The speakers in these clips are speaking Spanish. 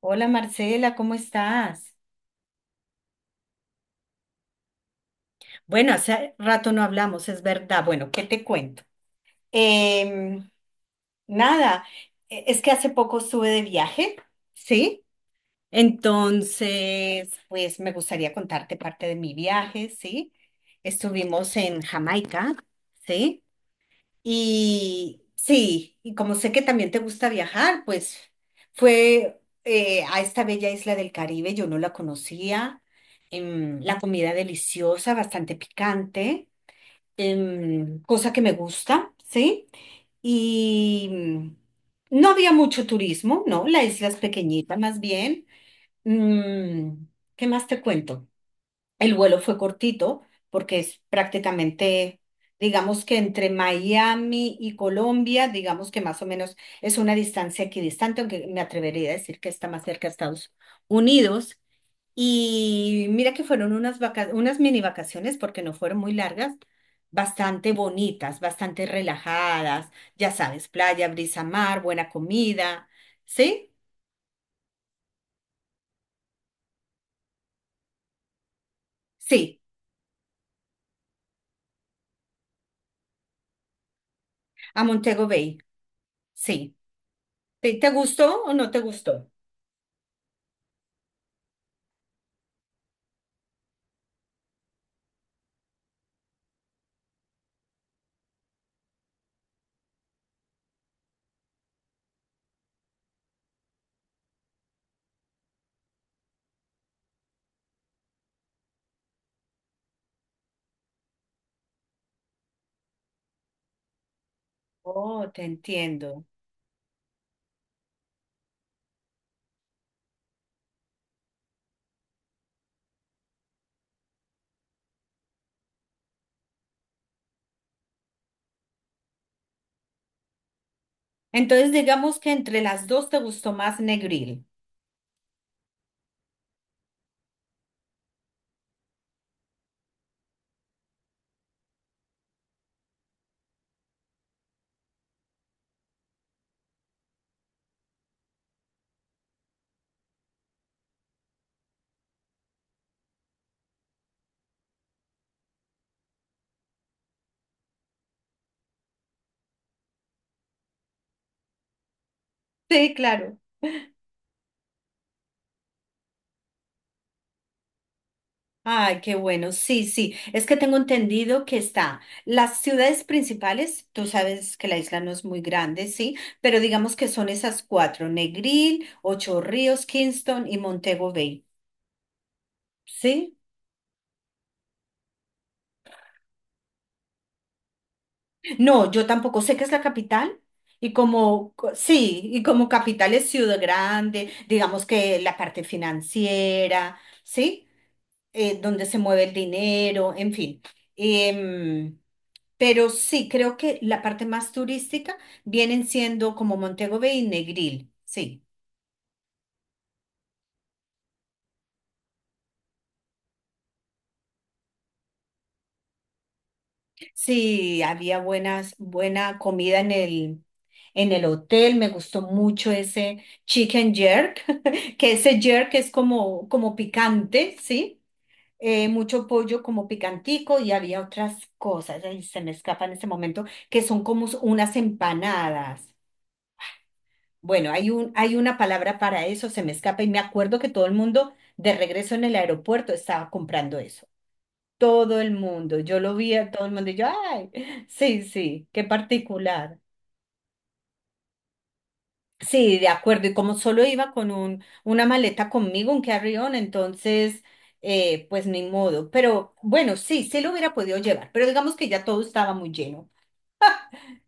Hola Marcela, ¿cómo estás? Bueno, hace rato no hablamos, es verdad. Bueno, ¿qué te cuento? Em, nada, es que hace poco estuve de viaje, ¿sí? Entonces, pues me gustaría contarte parte de mi viaje, ¿sí? Estuvimos en Jamaica, ¿sí? Y sí, y como sé que también te gusta viajar, pues fue a esta bella isla del Caribe, yo no la conocía, la comida deliciosa, bastante picante, cosa que me gusta, ¿sí? Y no había mucho turismo, ¿no? La isla es pequeñita más bien. Mm, ¿Qué más te cuento? El vuelo fue cortito porque es prácticamente, digamos que entre Miami y Colombia, digamos que más o menos es una distancia equidistante, aunque me atrevería a decir que está más cerca a Estados Unidos. Y mira que fueron unas mini vacaciones porque no fueron muy largas, bastante bonitas, bastante relajadas, ya sabes, playa, brisa, mar, buena comida. ¿Sí? Sí, a Montego Bay. Sí. ¿Te, te gustó o no te gustó? Oh, te entiendo. Entonces, digamos que entre las dos te gustó más Negril. Sí, claro. Ay, qué bueno. Sí, sí. Es que tengo entendido que está las ciudades principales. Tú sabes que la isla no es muy grande, sí, pero digamos que son esas cuatro: Negril, Ocho Ríos, Kingston y Montego Bay. ¿Sí? No, yo tampoco sé qué es la capital. Y sí, y como capital es Ciudad Grande, digamos que la parte financiera, ¿sí? Donde se mueve el dinero, en fin. Em, pero sí, creo que la parte más turística vienen siendo como Montego Bay y Negril, sí. Sí, buena comida en el hotel. Me gustó mucho ese chicken jerk, que ese jerk es como, como picante, ¿sí? Mucho pollo como picantico y había otras cosas, ahí se me escapa en este momento, que son como unas empanadas. Bueno, hay una palabra para eso, se me escapa y me acuerdo que todo el mundo de regreso en el aeropuerto estaba comprando eso todo el mundo. Yo lo vi a todo el mundo y yo, ay, sí, sí, qué particular. Sí, de acuerdo. Y como solo iba con una maleta conmigo, un carry-on, entonces, pues ni modo. Pero bueno, sí, sí lo hubiera podido llevar, pero digamos que ya todo estaba muy lleno.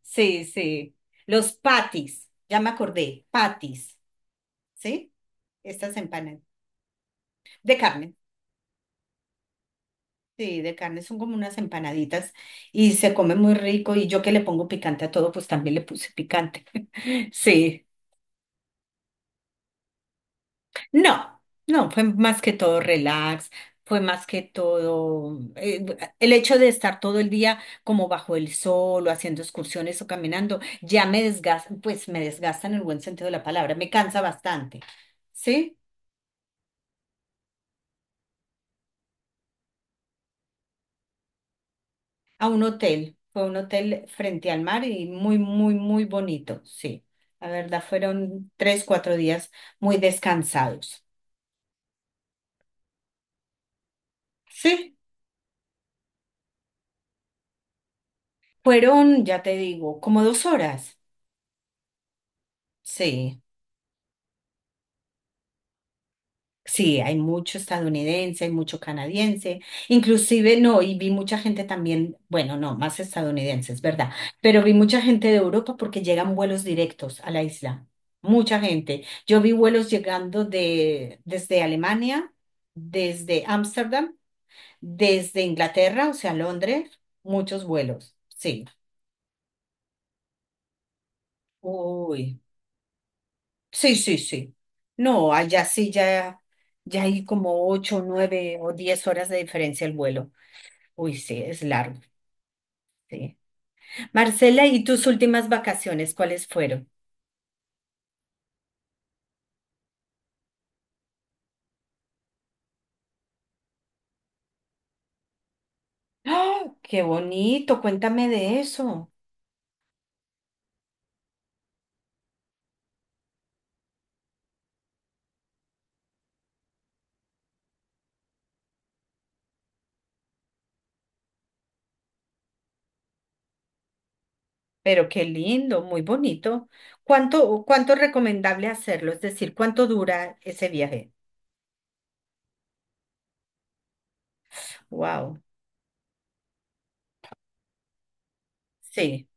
Sí, sí. Los patis, ya me acordé, patis, ¿sí? Estas empanadas de carne. Sí, de carne son como unas empanaditas y se come muy rico y yo que le pongo picante a todo, pues también le puse picante. Sí, no, no, fue más que todo relax, fue más que todo el hecho de estar todo el día como bajo el sol o haciendo excursiones o caminando, ya me desgasta, pues me desgasta en el buen sentido de la palabra, me cansa bastante. ¿Sí? A un hotel, fue un hotel frente al mar y muy, muy, muy bonito, sí. La verdad, fueron tres, cuatro días muy descansados. Sí, fueron, ya te digo, como 2 horas. Sí. Sí, hay mucho estadounidense, hay mucho canadiense, inclusive no, y vi mucha gente también, bueno, no, más estadounidenses, ¿verdad? Pero vi mucha gente de Europa porque llegan vuelos directos a la isla, mucha gente. Yo vi vuelos llegando de, desde Alemania, desde Ámsterdam, desde Inglaterra, o sea, Londres, muchos vuelos, sí. Uy, sí, sí, sí. No, allá sí ya, ya hay como ocho, nueve o 10 horas de diferencia el vuelo. Uy, sí, es largo, sí. Marcela, ¿y tus últimas vacaciones cuáles fueron? ¡Ah! Qué bonito, cuéntame de eso. Pero qué lindo, muy bonito. ¿Cuánto, cuánto es recomendable hacerlo? Es decir, ¿cuánto dura ese viaje? Wow, sí,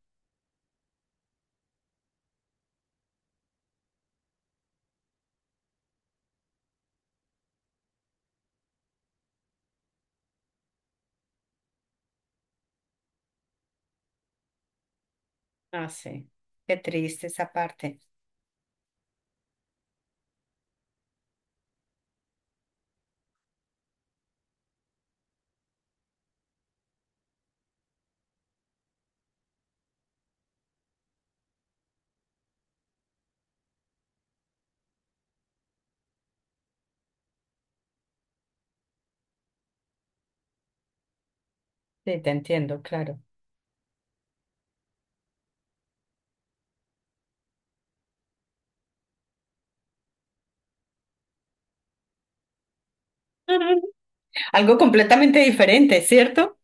ah, sí. Qué triste esa parte. Sí, te entiendo, claro. Algo completamente diferente, ¿cierto?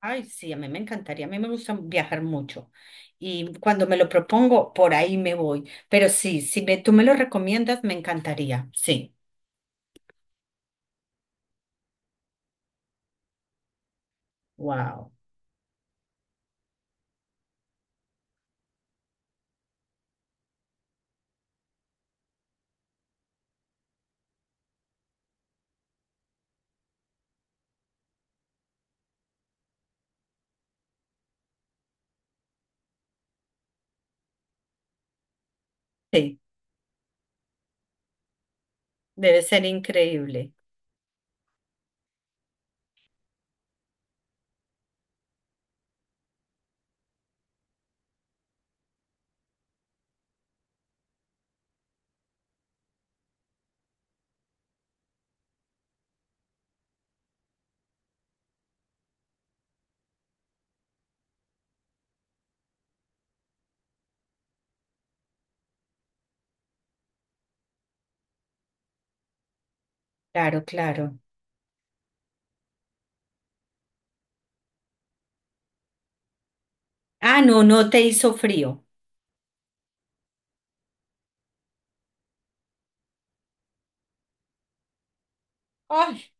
Ay, sí, a mí me encantaría, a mí me gusta viajar mucho y cuando me lo propongo, por ahí me voy. Pero sí, si me- tú me lo recomiendas, me encantaría, sí. Wow, sí, debe ser increíble. Claro, claro. Ah, no, no te hizo frío. Ay,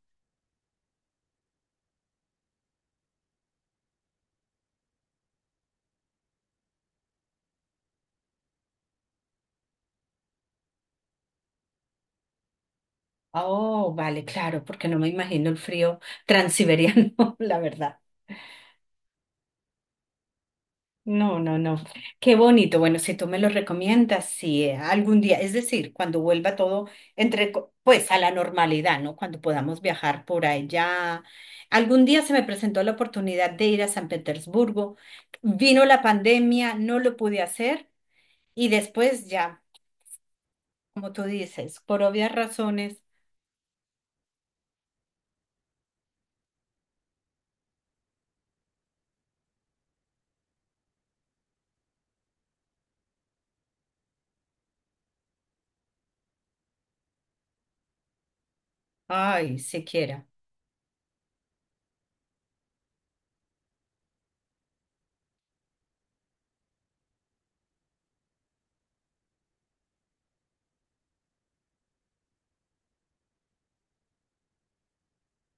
oh, vale, claro, porque no me imagino el frío transiberiano, la verdad. No, no, no. Qué bonito. Bueno, si tú me lo recomiendas, sí, algún día, es decir, cuando vuelva todo pues a la normalidad, ¿no? Cuando podamos viajar por allá. Algún día se me presentó la oportunidad de ir a San Petersburgo. Vino la pandemia, no lo pude hacer y después ya, como tú dices, por obvias razones, ay, siquiera.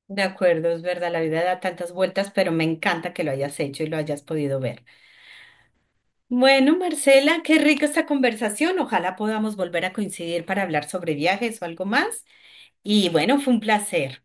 De acuerdo, es verdad, la vida da tantas vueltas, pero me encanta que lo hayas hecho y lo hayas podido ver. Bueno, Marcela, qué rica esta conversación. Ojalá podamos volver a coincidir para hablar sobre viajes o algo más. Y bueno, fue un placer.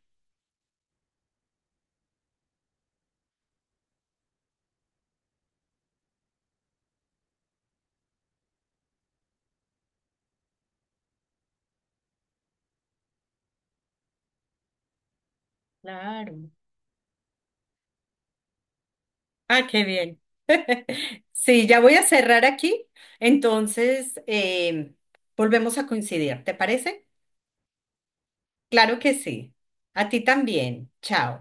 Claro. Ah, qué bien. Sí, ya voy a cerrar aquí. Entonces, volvemos a coincidir. ¿Te parece? Claro que sí. A ti también. Chao.